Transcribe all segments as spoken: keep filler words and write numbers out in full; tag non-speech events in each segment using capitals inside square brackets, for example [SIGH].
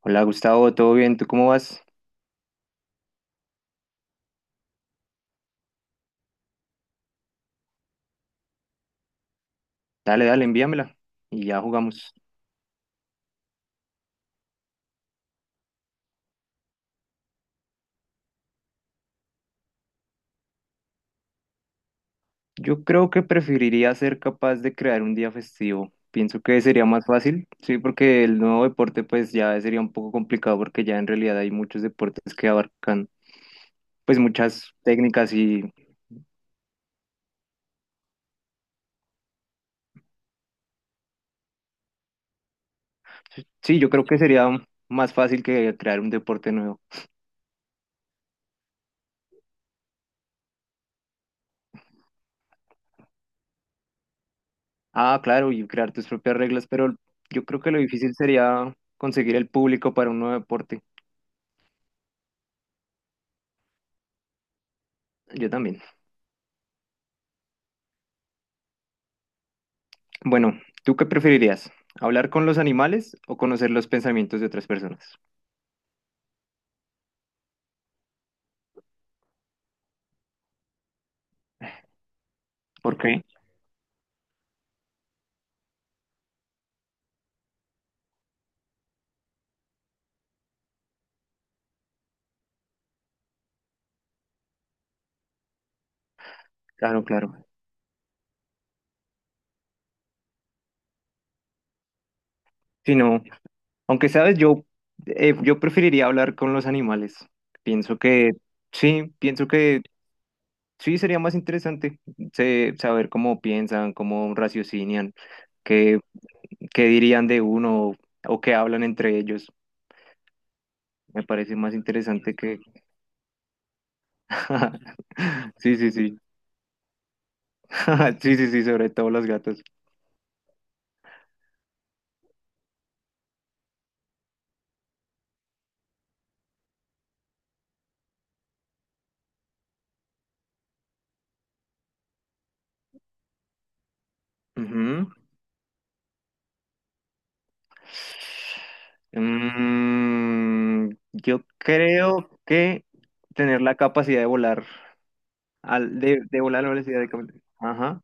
Hola Gustavo, ¿todo bien? ¿Tú cómo vas? Dale, dale, envíamela y ya jugamos. Yo creo que preferiría ser capaz de crear un día festivo. Pienso que sería más fácil, sí, porque el nuevo deporte pues ya sería un poco complicado porque ya en realidad hay muchos deportes que abarcan pues muchas técnicas y sí, yo creo que sería más fácil que crear un deporte nuevo. Ah, claro, y crear tus propias reglas, pero yo creo que lo difícil sería conseguir el público para un nuevo deporte. Yo también. Bueno, ¿tú qué preferirías? ¿Hablar con los animales o conocer los pensamientos de otras personas? Ok. Claro, claro. Si no, aunque sabes, yo, eh, yo preferiría hablar con los animales. Pienso que sí, pienso que sí sería más interesante se- saber cómo piensan, cómo raciocinian, qué, qué dirían de uno o qué hablan entre ellos. Me parece más interesante que... [LAUGHS] Sí, sí, sí. [LAUGHS] Sí, sí, sí, sobre todo los gatos. Ujú. Mm, yo creo que tener la capacidad de volar, al, de, de volar a la velocidad de cam- Ajá.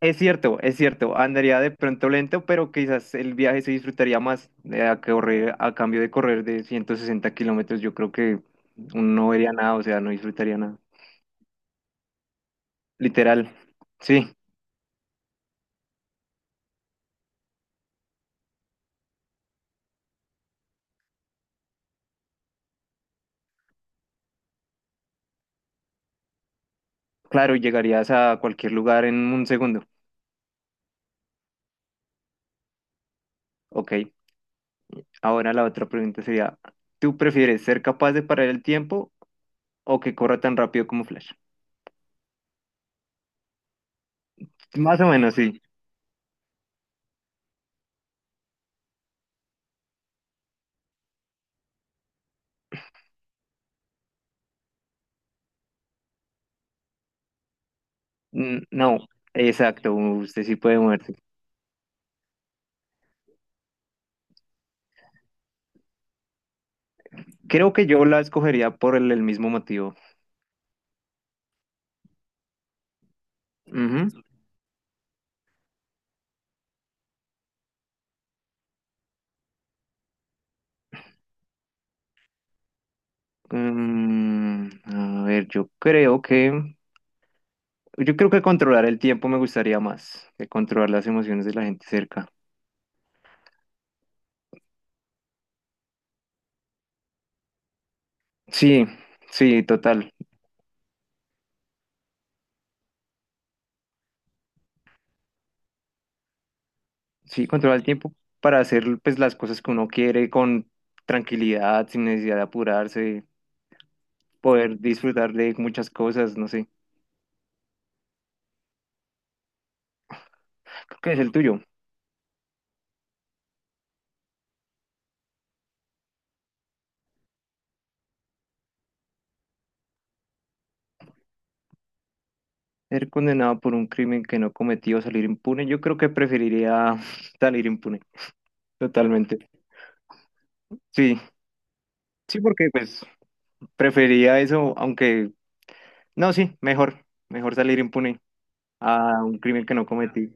Es cierto, es cierto. Andaría de pronto lento, pero quizás el viaje se disfrutaría más eh, a correr, a cambio de correr de ciento sesenta kilómetros. Yo creo que uno no vería nada, o sea, no disfrutaría nada. Literal. Sí, claro, llegarías a cualquier lugar en un segundo. Ok, ahora la otra pregunta sería, ¿tú prefieres ser capaz de parar el tiempo o que corra tan rápido como Flash? Más o menos, sí. Mm, No, exacto, usted sí puede moverse. Creo que yo la escogería por el, el mismo motivo. Ujú. Mm, a ver, yo creo que... Yo creo que controlar el tiempo me gustaría más que controlar las emociones de la gente cerca. Sí, sí, total. Sí, controlar el tiempo para hacer pues, las cosas que uno quiere con tranquilidad, sin necesidad de apurarse, poder disfrutar de muchas cosas, no sé. Creo que es el tuyo. Ser condenado por un crimen que no cometió, salir impune. Yo creo que preferiría [LAUGHS] salir impune, totalmente. Sí, sí, porque pues preferiría eso, aunque no, sí, mejor, mejor salir impune a un crimen que no cometí.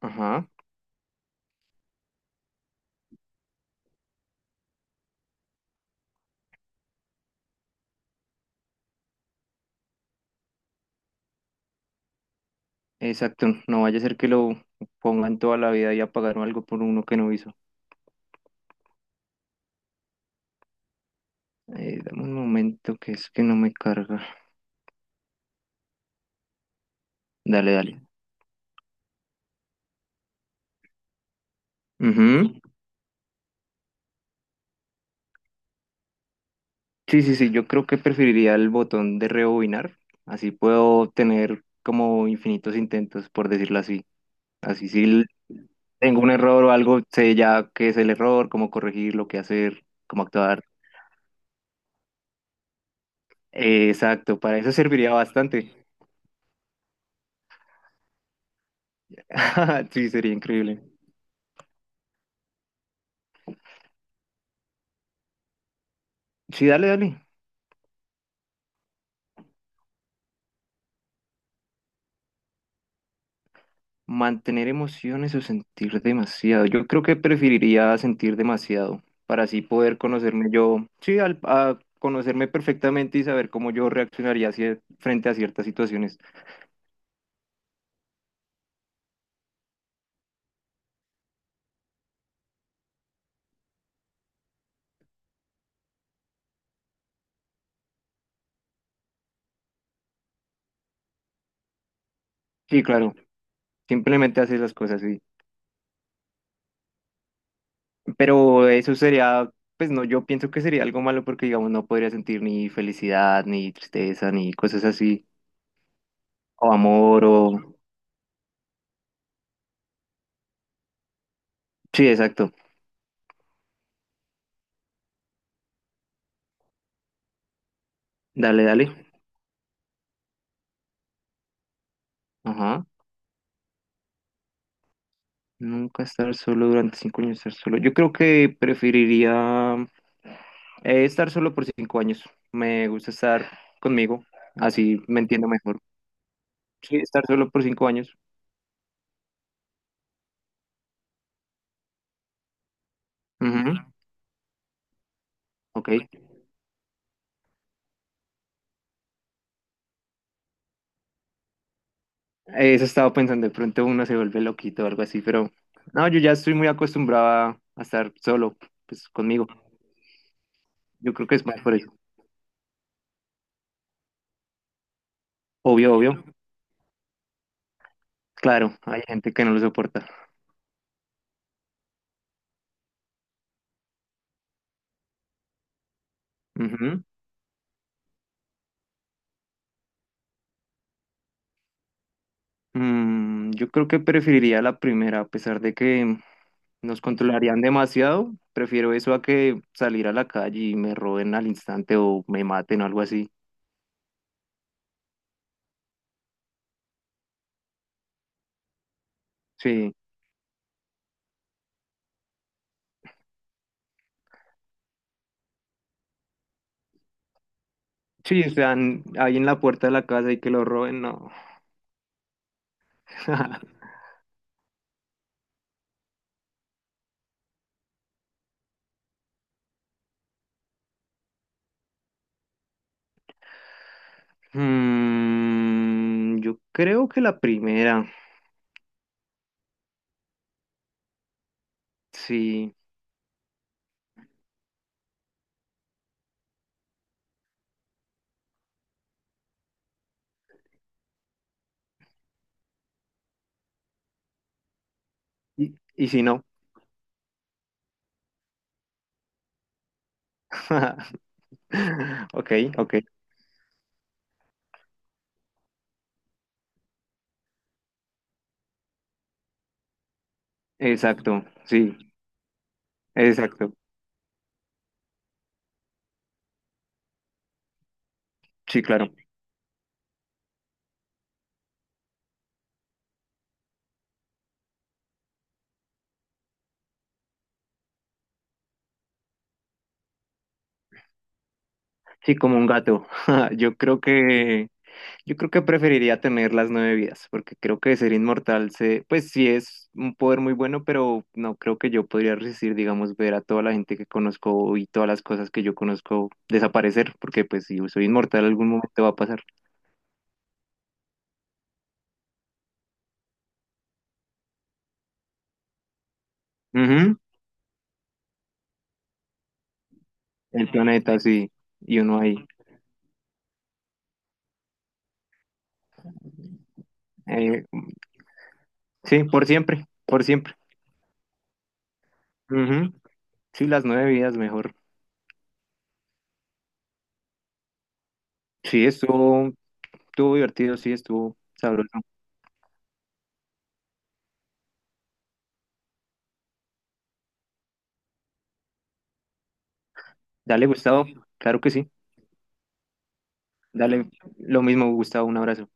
Ajá, exacto. No vaya a ser que lo pongan toda la vida y a pagar algo por uno que no hizo. Eh, dame un momento que es que no me carga. Dale, dale. Ujú. Sí, sí, sí, yo creo que preferiría el botón de rebobinar, así puedo tener como infinitos intentos, por decirlo así. Así si l- tengo un error o algo, sé ya qué es el error, cómo corregirlo, qué hacer, cómo actuar. Eh, exacto, para eso serviría bastante. [LAUGHS] Sí, sería increíble. Sí, dale, dale. Mantener emociones o sentir demasiado. Yo creo que preferiría sentir demasiado para así poder conocerme yo, sí, al, a conocerme perfectamente y saber cómo yo reaccionaría hacia- frente a ciertas situaciones. Sí, claro, simplemente haces las cosas, sí. Pero eso sería, pues no, yo pienso que sería algo malo porque, digamos, no podría sentir ni felicidad, ni tristeza, ni cosas así, o amor, o... Sí, exacto. Dale, dale. Ajá. Nunca estar solo durante cinco años, estar solo. Yo creo que preferiría eh, estar solo por cinco años. Me gusta estar conmigo, así me entiendo mejor. Sí, estar solo por cinco años. Ujú. Ok. Eso estaba pensando, de pronto uno se vuelve loquito o algo así, pero no, yo ya estoy muy acostumbrada a estar solo, pues conmigo. Yo creo que es más por eso. Obvio, obvio. Claro, hay gente que no lo soporta. Mm, yo creo que preferiría la primera, a pesar de que nos controlarían demasiado. Prefiero eso a que salir a la calle y me roben al instante o me maten o algo así. Sí, sí, están ahí en la puerta de la casa y que lo roben, no. [LAUGHS] Mm, yo creo que la primera, sí. ¿Y, y si no? [LAUGHS] Ok, ok. Exacto, sí, exacto. Sí, claro. Sí, como un gato. [LAUGHS] Yo creo que, yo creo que preferiría tener las nueve vidas, porque creo que ser inmortal se, pues sí es un poder muy bueno, pero no creo que yo podría resistir, digamos, ver a toda la gente que conozco y todas las cosas que yo conozco desaparecer, porque pues si yo soy inmortal, algún momento va a pasar. Ujú. El planeta, sí, y uno ahí. Eh, sí, por siempre, por siempre. Ujú. Sí, las nueve vidas mejor. Sí, estuvo, estuvo divertido, sí, estuvo sabroso. Dale, Gustavo, claro que sí. Dale, lo mismo, Gustavo, un abrazo.